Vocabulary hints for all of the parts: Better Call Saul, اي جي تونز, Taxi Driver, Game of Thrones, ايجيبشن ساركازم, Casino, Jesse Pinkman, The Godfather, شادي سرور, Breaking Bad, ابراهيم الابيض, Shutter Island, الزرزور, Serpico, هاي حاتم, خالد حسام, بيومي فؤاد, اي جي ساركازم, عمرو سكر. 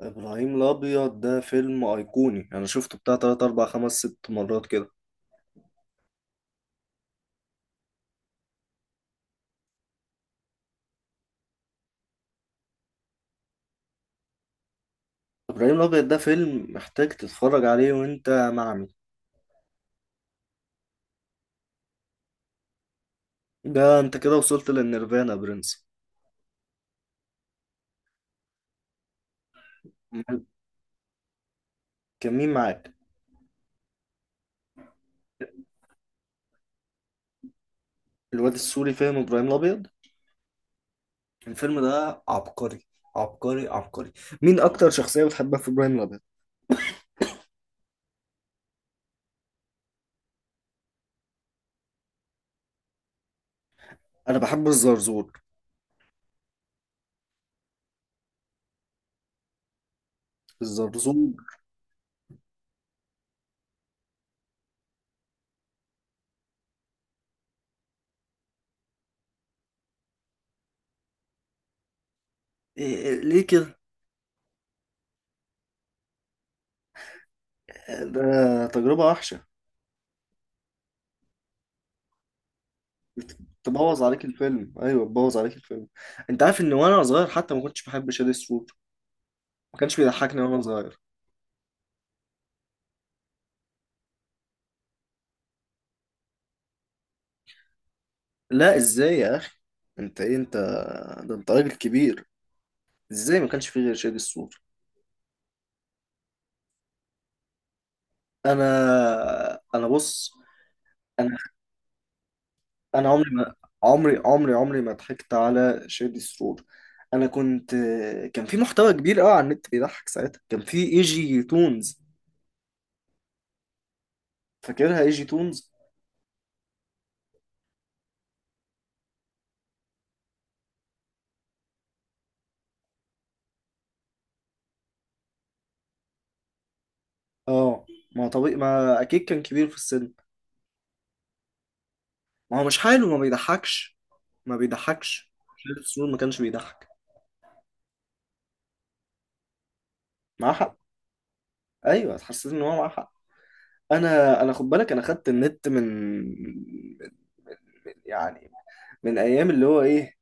ابراهيم الابيض ده فيلم ايقوني، انا شفته بتاع 3 4 5 6 مرات كده. ابراهيم الابيض ده فيلم محتاج تتفرج عليه وانت معمي. ده انت كده وصلت للنيرفانا يا برنس. أمال كان مين معاك؟ الواد السوري فاهم ابراهيم الابيض؟ الفيلم ده عبقري، عبقري عبقري. مين اكتر شخصية بتحبها في ابراهيم الابيض؟ انا بحب الزرزور، الزرزور. إيه إيه ليه كده؟ ده تجربة وحشة. بت- بتبوظ عليك الفيلم، ايوه بتبوظ عليك الفيلم. انت عارف ان وانا صغير حتى ما كنتش بحب شادي سوت؟ ما كانش بيضحكني وانا صغير. لا ازاي يا اخي؟ انت ايه انت؟ ده انت راجل كبير، ازاي ما كانش في غير شادي سوت؟ انا بص. انا انا عمري ما، عمري ما ضحكت على شادي سرور. انا كنت، كان في محتوى كبير قوي على النت بيضحك ساعتها، كان في اي جي تونز. فاكرها اي جي تونز؟ اه، ما طبيعي، ما اكيد كان كبير في السن. ما هو مش حاله ما بيضحكش، ما بيضحكش. شايف السرور ما كانش بيضحك؟ معاه حق. ايوه، حسيت ان هو معاه حق. انا خد بالك، انا خدت النت من، يعني، من ايام اللي هو ايه،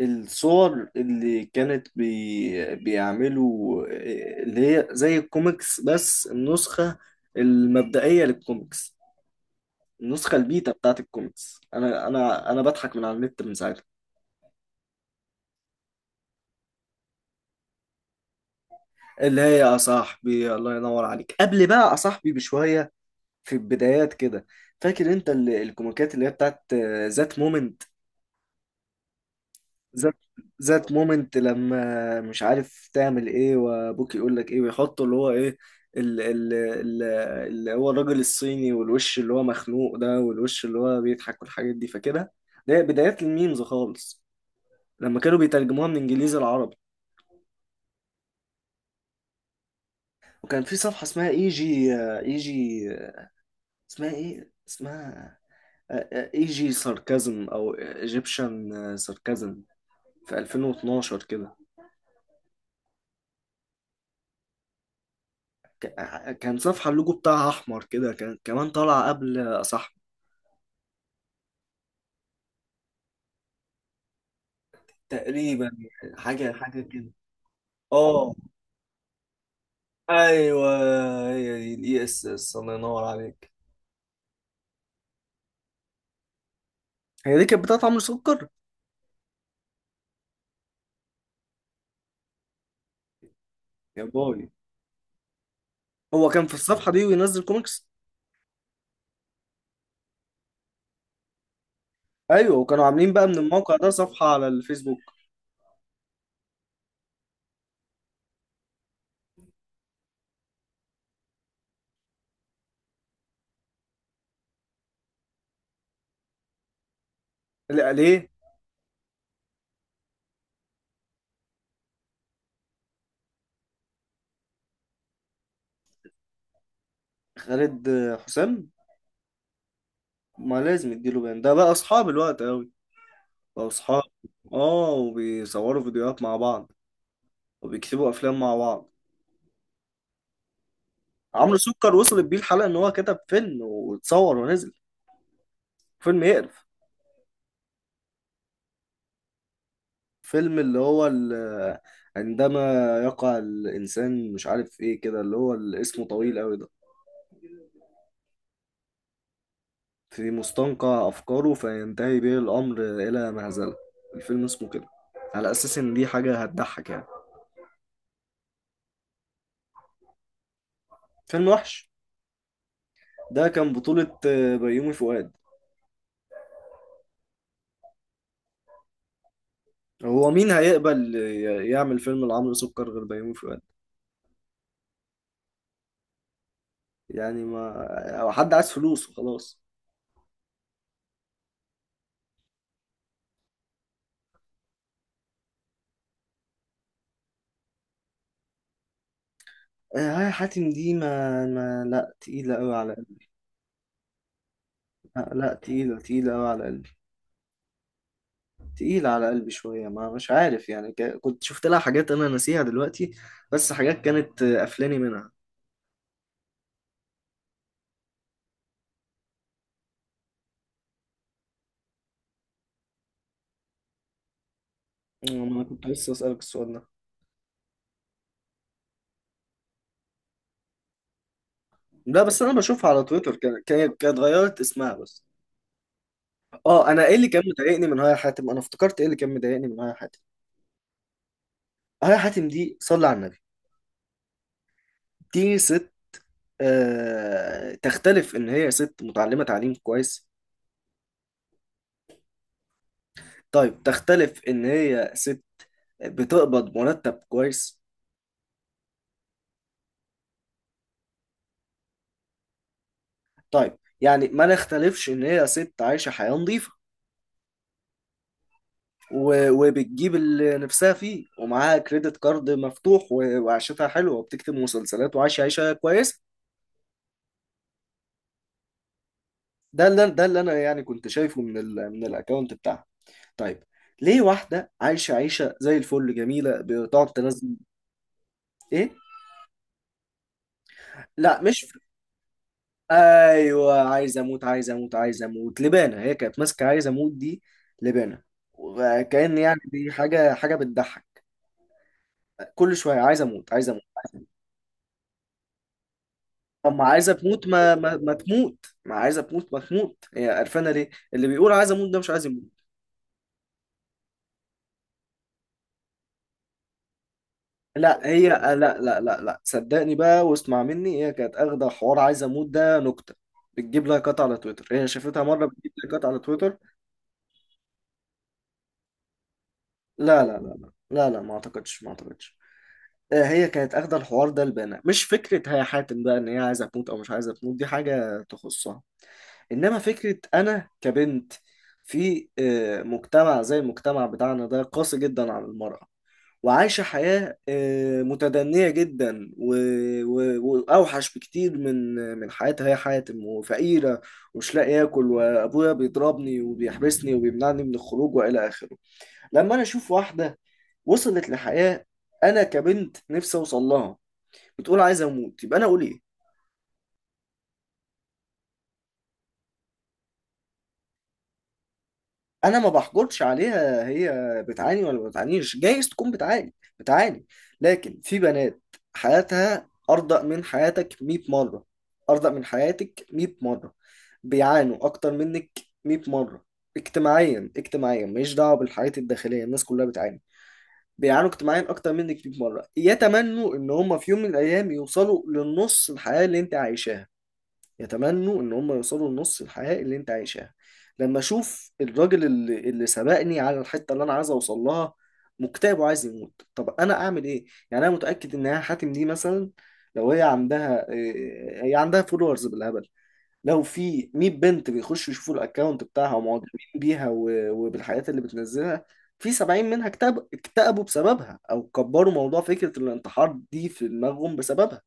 الصور اللي كانت بيعملوا إيه، اللي هي زي الكوميكس بس النسخة المبدئية للكوميكس، النسخة البيتا بتاعت الكوميكس. انا بضحك من على النت من ساعتها، اللي هي يا صاحبي، الله ينور عليك، قبل بقى يا صاحبي بشوية، في البدايات كده. فاكر انت الكوميكات اللي هي بتاعت ذات مومنت؟ ذات ذات مومنت لما مش عارف تعمل ايه وابوك يقول لك ايه، ويحطوا اللي هو ايه، ال- ال- ال- اللي هو الراجل الصيني، والوش اللي هو مخنوق ده، والوش اللي هو بيضحك، والحاجات دي. فكده ده بدايات الميمز خالص، لما كانوا بيترجموها من انجليزي لعربي. وكان في صفحة اسمها اي جي، اسمها ايه، اسمها اي جي ساركازم او ايجيبشن ساركازم، في 2012 كده. كان صفحة اللوجو بتاعها أحمر كده، كان كمان طالعة قبل صح؟ تقريبا، حاجة حاجة كده. اه ايوه، هي دي الاي اس اس، الله ينور عليك. هي دي كانت بتاعت عمرو سكر. يا باي، هو كان في الصفحة دي وينزل كوميكس؟ ايوه، وكانوا عاملين بقى من الموقع ده صفحة على الفيسبوك. لا ليه؟ خالد، حسام. ما لازم يديله بان، ده بقى اصحاب الوقت قوي، بقى اصحاب. اه، وبيصوروا فيديوهات مع بعض، وبيكتبوا افلام مع بعض. عمرو سكر وصلت بيه الحلقة ان هو كتب فيلم واتصور ونزل فيلم يقرف. فيلم عندما يقع الانسان مش عارف ايه كده، اسمه طويل قوي ده، في مستنقع افكاره فينتهي به الامر الى مهزلة. الفيلم اسمه كده، على اساس ان دي حاجة هتضحك يعني. فيلم وحش. ده كان بطولة بيومي فؤاد. هو مين هيقبل يعمل فيلم لعمرو سكر غير بيومي فؤاد؟ يعني ما حد عايز فلوس وخلاص. هاي حاتم دي ما لا تقيلة قوي على قلبي. لا لا، تقيلة تقيلة قوي على قلبي. تقيلة على قلبي شوية، ما مش عارف يعني، كنت شفت لها حاجات أنا ناسيها دلوقتي، بس حاجات كانت قفلاني منها. ما أنا كنت لسه أسألك السؤال ده. لا بس أنا بشوفها على تويتر، كانت اتغيرت اسمها بس. أه أنا إيه اللي كان مضايقني من هاي حاتم، أنا افتكرت إيه اللي كان مضايقني من هاي حاتم. هاي حاتم دي، صلي على النبي، دي ست، آه تختلف إن هي ست متعلمة تعليم كويس. طيب تختلف ان هي ست بتقبض مرتب كويس. طيب يعني ما نختلفش ان هي ست عايشة حياة نظيفة، وبتجيب اللي نفسها فيه ومعاها كريدت كارد مفتوح، وعيشتها حلوة، وبتكتب مسلسلات، وعايشة عيشة كويسة. ده اللي انا يعني كنت شايفه من الاكونت بتاعها. طيب، ليه واحدة عايشة عيشة زي الفل جميلة بتقعد تنزل، ايه، لا مش، ايوه عايز اموت عايز اموت عايز اموت لبانه، هي كانت ماسكه عايز اموت دي لبانه، وكأن يعني دي حاجه بتضحك، كل شويه عايز اموت عايز اموت عايز أموت. طب ما عايزه تموت، ما تموت، ما عايزه تموت ما تموت، هي قرفانه ليه؟ اللي بيقول عايز اموت ده مش عايز يموت. لا هي، لا لا لا لا، صدقني بقى واسمع مني، هي كانت اخده حوار عايز اموت ده نكته بتجيب لايكات على تويتر، هي شافتها مره بتجيب لايكات على تويتر. لا لا لا لا لا لا، ما اعتقدش، ما اعتقدش. هي كانت اخده الحوار ده لبانا، مش فكره هي حاتم بقى ان هي عايزه تموت او مش عايزه تموت، دي حاجه تخصها. انما فكره انا كبنت في مجتمع زي المجتمع بتاعنا ده قاسي جدا على المرأة، وعايشة حياة متدنية جدا، وأوحش بكتير من حياتها هي حاتم، وفقيرة، ومش لاقي ياكل، وأبويا بيضربني وبيحبسني وبيمنعني من الخروج وإلى آخره. لما أنا أشوف واحدة وصلت لحياة أنا كبنت نفسي أوصل لها بتقول عايز اموت، يبقى انا اقول ايه؟ انا ما بحجرش عليها، هي بتعاني ولا ما بتعانيش، جايز تكون بتعاني، بتعاني، لكن في بنات حياتها ارضى من حياتك 100 مره، ارضى من حياتك 100 مره، بيعانوا اكتر منك 100 مره، اجتماعيا، اجتماعيا ماليش دعوه بالحياه الداخليه، الناس كلها بتعاني، بيعانوا اجتماعيا اكتر منك 100 مره، يتمنوا ان هم في يوم من الايام يوصلوا للنص الحياه اللي انت عايشاها، يتمنوا ان هم يوصلوا لنص الحياة اللي انت عايشها. لما اشوف الراجل اللي سبقني على الحتة اللي انا عايز اوصل لها مكتئب وعايز يموت، طب انا اعمل ايه؟ يعني انا متأكد ان يا حاتم دي مثلا، لو هي عندها إيه، هي عندها فولورز بالهبل، لو في 100 بنت بيخشوا يشوفوا الاكونت بتاعها ومعجبين بيها وبالحاجات اللي بتنزلها، في 70 منها اكتئب، اكتئبوا بسببها، او كبروا موضوع فكرة الانتحار دي في دماغهم بسببها.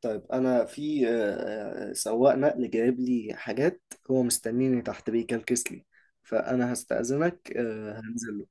طيب انا في سواق نقل جايب لي حاجات، هو مستنيني تحت بيكلكس لي، فانا هستأذنك هنزل.